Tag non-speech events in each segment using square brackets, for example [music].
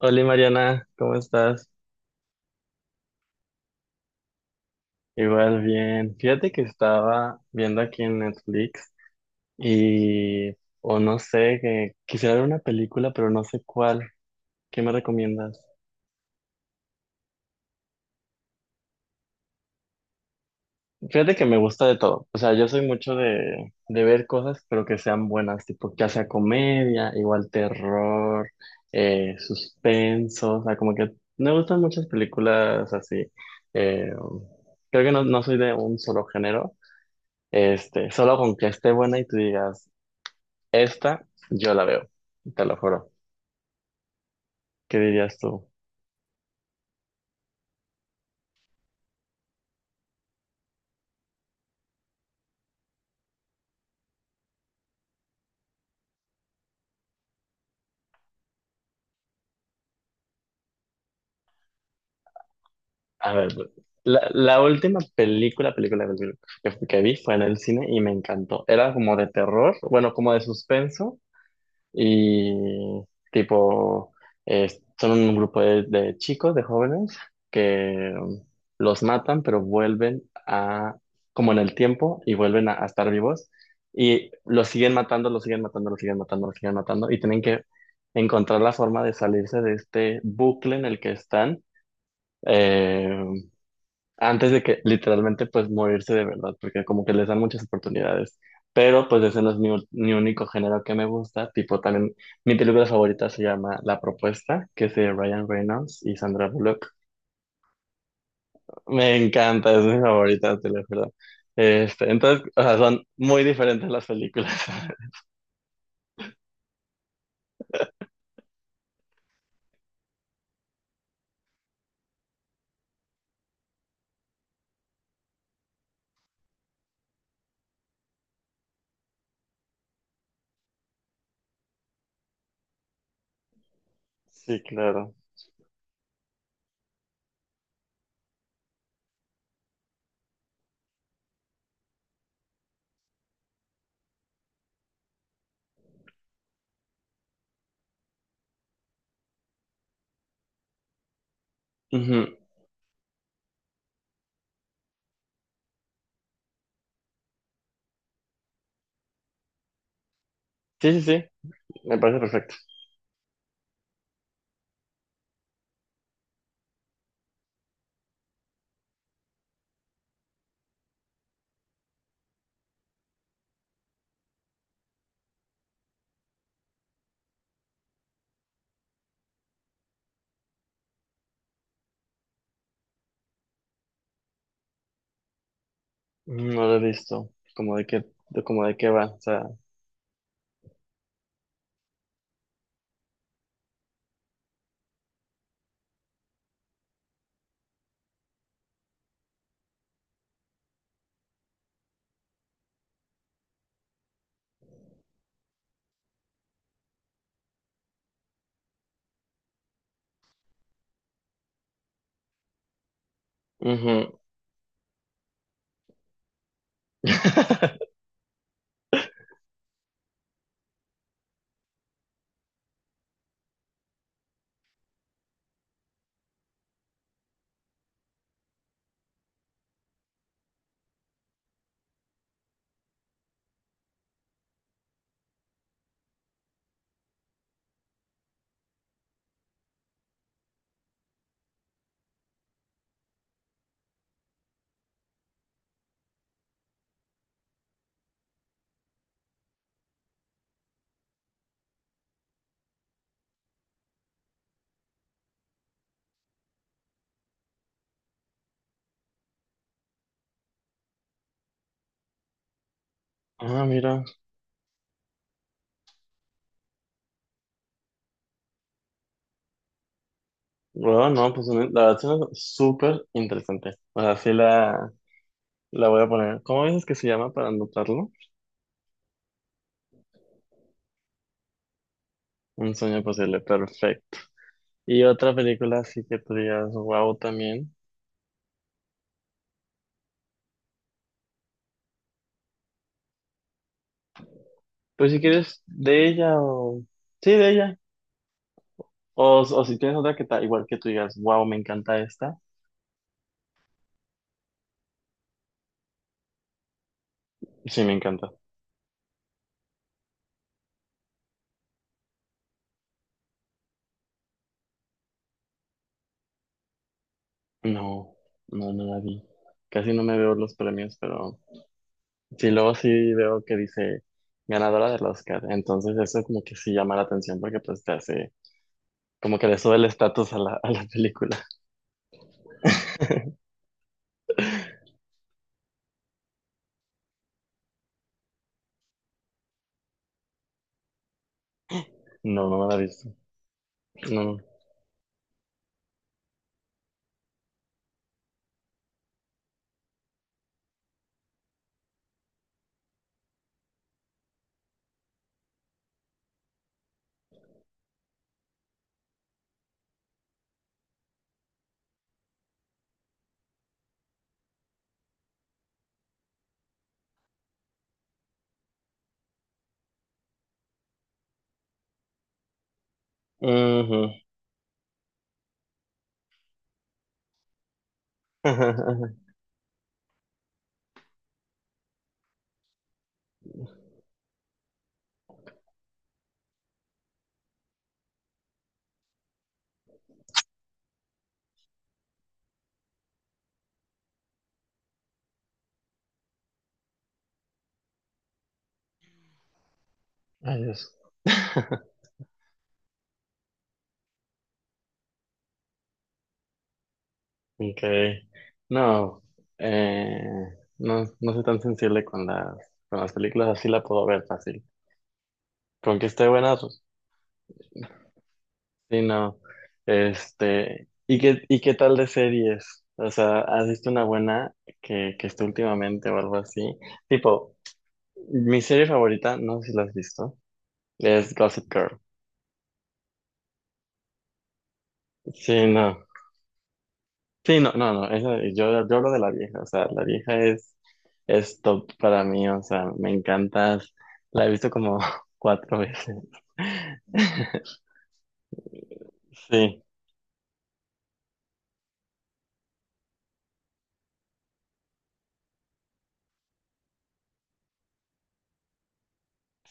Hola Mariana, ¿cómo estás? Igual bien. Fíjate que estaba viendo aquí en Netflix y, o no sé, que quisiera ver una película, pero no sé cuál. ¿Qué me recomiendas? Fíjate que me gusta de todo. O sea, yo soy mucho de ver cosas, pero que sean buenas, tipo, ya sea comedia, igual terror, suspenso. O sea, como que me gustan muchas películas así. Eh, creo que no soy de un solo género. Este, solo con que esté buena y tú digas, esta, yo la veo, te lo juro. ¿Qué dirías tú? A ver, la última película que vi fue en el cine y me encantó. Era como de terror, bueno, como de suspenso. Y tipo, son un grupo de chicos, de jóvenes, que los matan, pero vuelven a, como en el tiempo, y vuelven a estar vivos. Y los siguen matando, los siguen matando, los siguen matando, los siguen matando. Y tienen que encontrar la forma de salirse de este bucle en el que están. eh, antes de que literalmente pues morirse de verdad, porque como que les dan muchas oportunidades. Pero pues ese no es mi único género que me gusta, tipo también mi película favorita se llama La Propuesta, que es de Ryan Reynolds y Sandra Bullock. Me encanta, es mi favorita, te lo juro. Este, entonces, o sea, son muy diferentes las películas. [laughs] Sí, claro. Ujú. Sí, sí, sí, me parece perfecto. No lo he visto, como de qué, de como de qué va, o sea. Ujú. [laughs] Ah, mira. Bueno, no, pues la verdad suena súper interesante. O sea, la voy a poner. ¿Cómo dices que se llama para anotarlo? Un sueño posible, perfecto. Y otra película así que tú digas, wow, también. Pues si quieres, de ella o... Sí, de ella. O si tienes otra que está igual que tú digas, wow, me encanta esta. Sí, me encanta. No, no, no la vi. Casi no me veo los premios, pero sí, luego sí veo que dice ganadora del Oscar. Entonces eso como que sí llama la atención porque pues te hace. Como que le sube el estatus a la película. No, no me la he visto. No. Ujú. [laughs] Ay, Dios. [laughs] Ok. No, eh, no, no soy tan sensible con con las películas, así la puedo ver fácil. Con que esté buena, pues, sí, no. Este, ¿y y qué tal de series? O sea, ¿has visto una buena que esté últimamente o algo así? Tipo, mi serie favorita, no sé si la has visto, es Gossip Girl. Sí, no. Sí, no, no, no, yo hablo de la vieja, o sea, la vieja es top para mí, o sea, me encanta, la he visto como [laughs] cuatro veces. [laughs] Sí,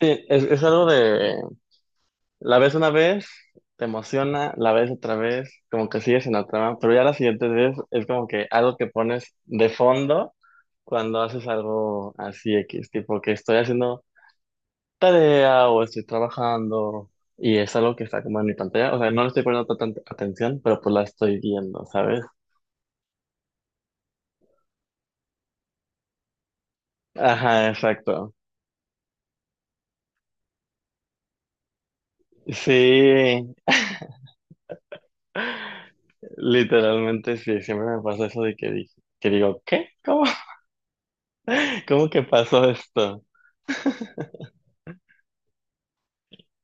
sí, es algo de, la ves una vez, te emociona, la ves otra vez, como que sigues en la trama, pero ya la siguiente vez es como que algo que pones de fondo cuando haces algo así X, tipo que estoy haciendo tarea o estoy trabajando y es algo que está como en mi pantalla. O sea, no le estoy poniendo tanta atención, pero pues la estoy viendo, ¿sabes? Ajá, exacto. Sí, literalmente sí, siempre me pasa eso de que digo, ¿qué? ¿Cómo? [laughs] ¿Cómo que pasó esto?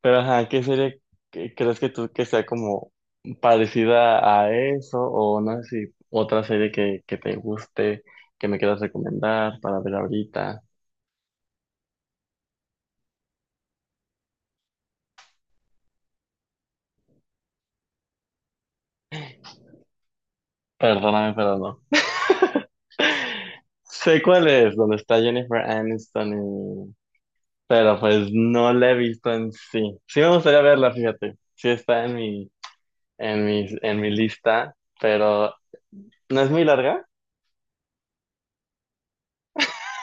Pero ajá, ¿qué crees que tú que sea como parecida a eso? O no sé si otra serie que te guste, que me quieras recomendar para ver ahorita. Perdóname, pero no. [laughs] Sé cuál es, donde está Jennifer Aniston y... Pero pues no la he visto en sí. Sí me gustaría verla, fíjate. Sí está en en mi lista, pero no es muy larga.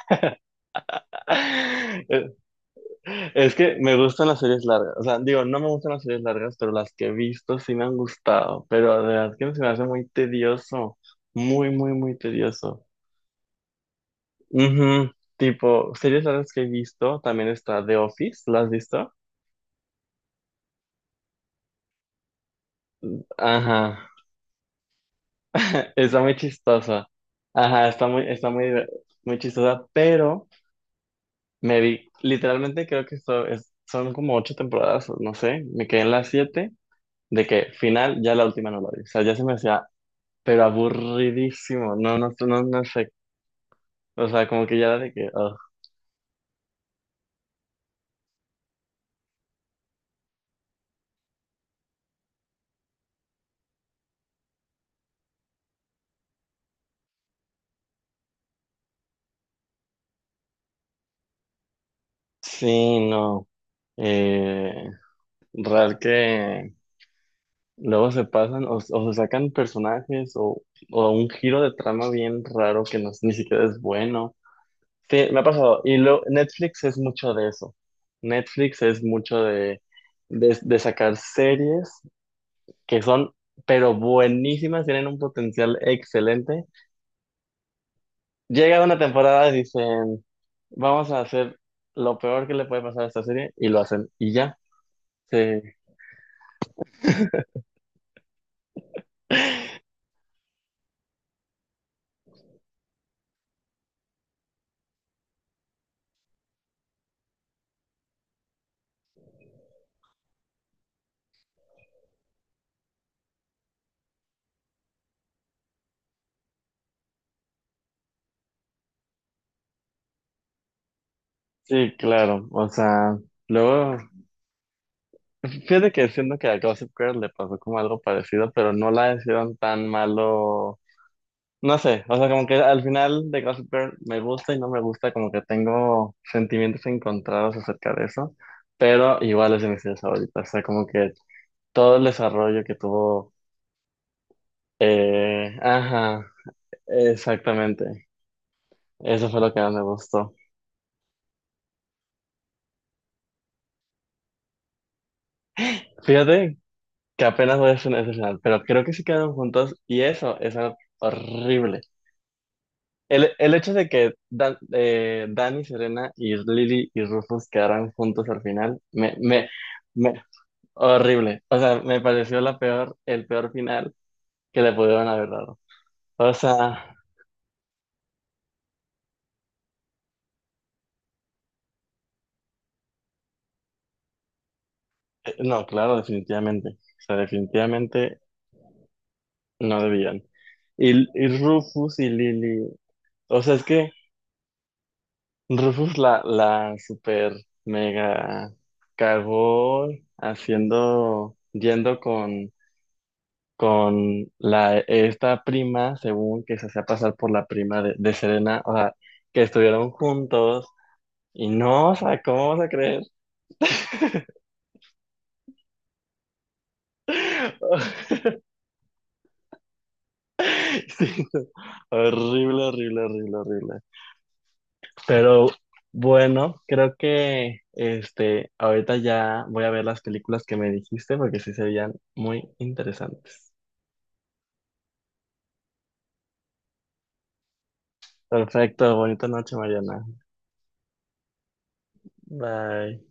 [laughs] Es es que me gustan las series largas. O sea, digo, no me gustan las series largas, pero las que he visto sí me han gustado. Pero de verdad que se me hace muy tedioso. Muy, muy, muy tedioso. Ujú. Tipo, series largas que he visto, también está The Office, ¿la has visto? Ajá, [laughs] está muy chistosa. Ajá, está muy, muy chistosa, pero me vi, literalmente creo que son como ocho temporadas, o no sé, me quedé en las siete, de que final, ya la última no la vi. O sea, ya se me hacía, pero aburridísimo, no, no, no, no sé. O sea, como que ya era de que, ugh. Sí, no. Eh, real que luego se pasan o se sacan personajes o un giro de trama bien raro que no, ni siquiera es bueno. Sí, me ha pasado. Y lo, Netflix es mucho de eso. Netflix es mucho de sacar series que son, pero buenísimas, tienen un potencial excelente. Llega una temporada y dicen, vamos a hacer lo peor que le puede pasar a esta serie, y lo hacen, y ya. Sí, sí, claro. O sea, luego, fíjate que siento que a Gossip Girl le pasó como algo parecido, pero no la hicieron tan malo. No sé, o sea, como que al final de Gossip Girl me gusta y no me gusta, como que tengo sentimientos encontrados acerca de eso, pero igual es de mis series favoritas, o sea, como que todo el desarrollo que tuvo, ajá, exactamente, eso fue lo que más me gustó. Fíjate que apenas voy a hacer ese final, pero creo que sí quedaron juntos y eso es algo horrible. El hecho de que Dani, Serena y Lily y Rufus quedaran juntos al final, me- horrible. O sea, me pareció el peor final que le pudieron haber dado. O sea, no, claro, definitivamente. O sea, definitivamente no debían. Y Rufus y Lily. O sea, es que Rufus la super mega cagó haciendo, yendo con la, esta prima, según que se hacía pasar por la prima de Serena. O sea, que estuvieron juntos. Y no, o sea, ¿cómo vas a creer? [laughs] Sí, horrible, horrible, horrible, horrible. Pero bueno, creo que este, ahorita ya voy a ver las películas que me dijiste porque sí serían muy interesantes. Perfecto, bonita noche, Mariana. Bye.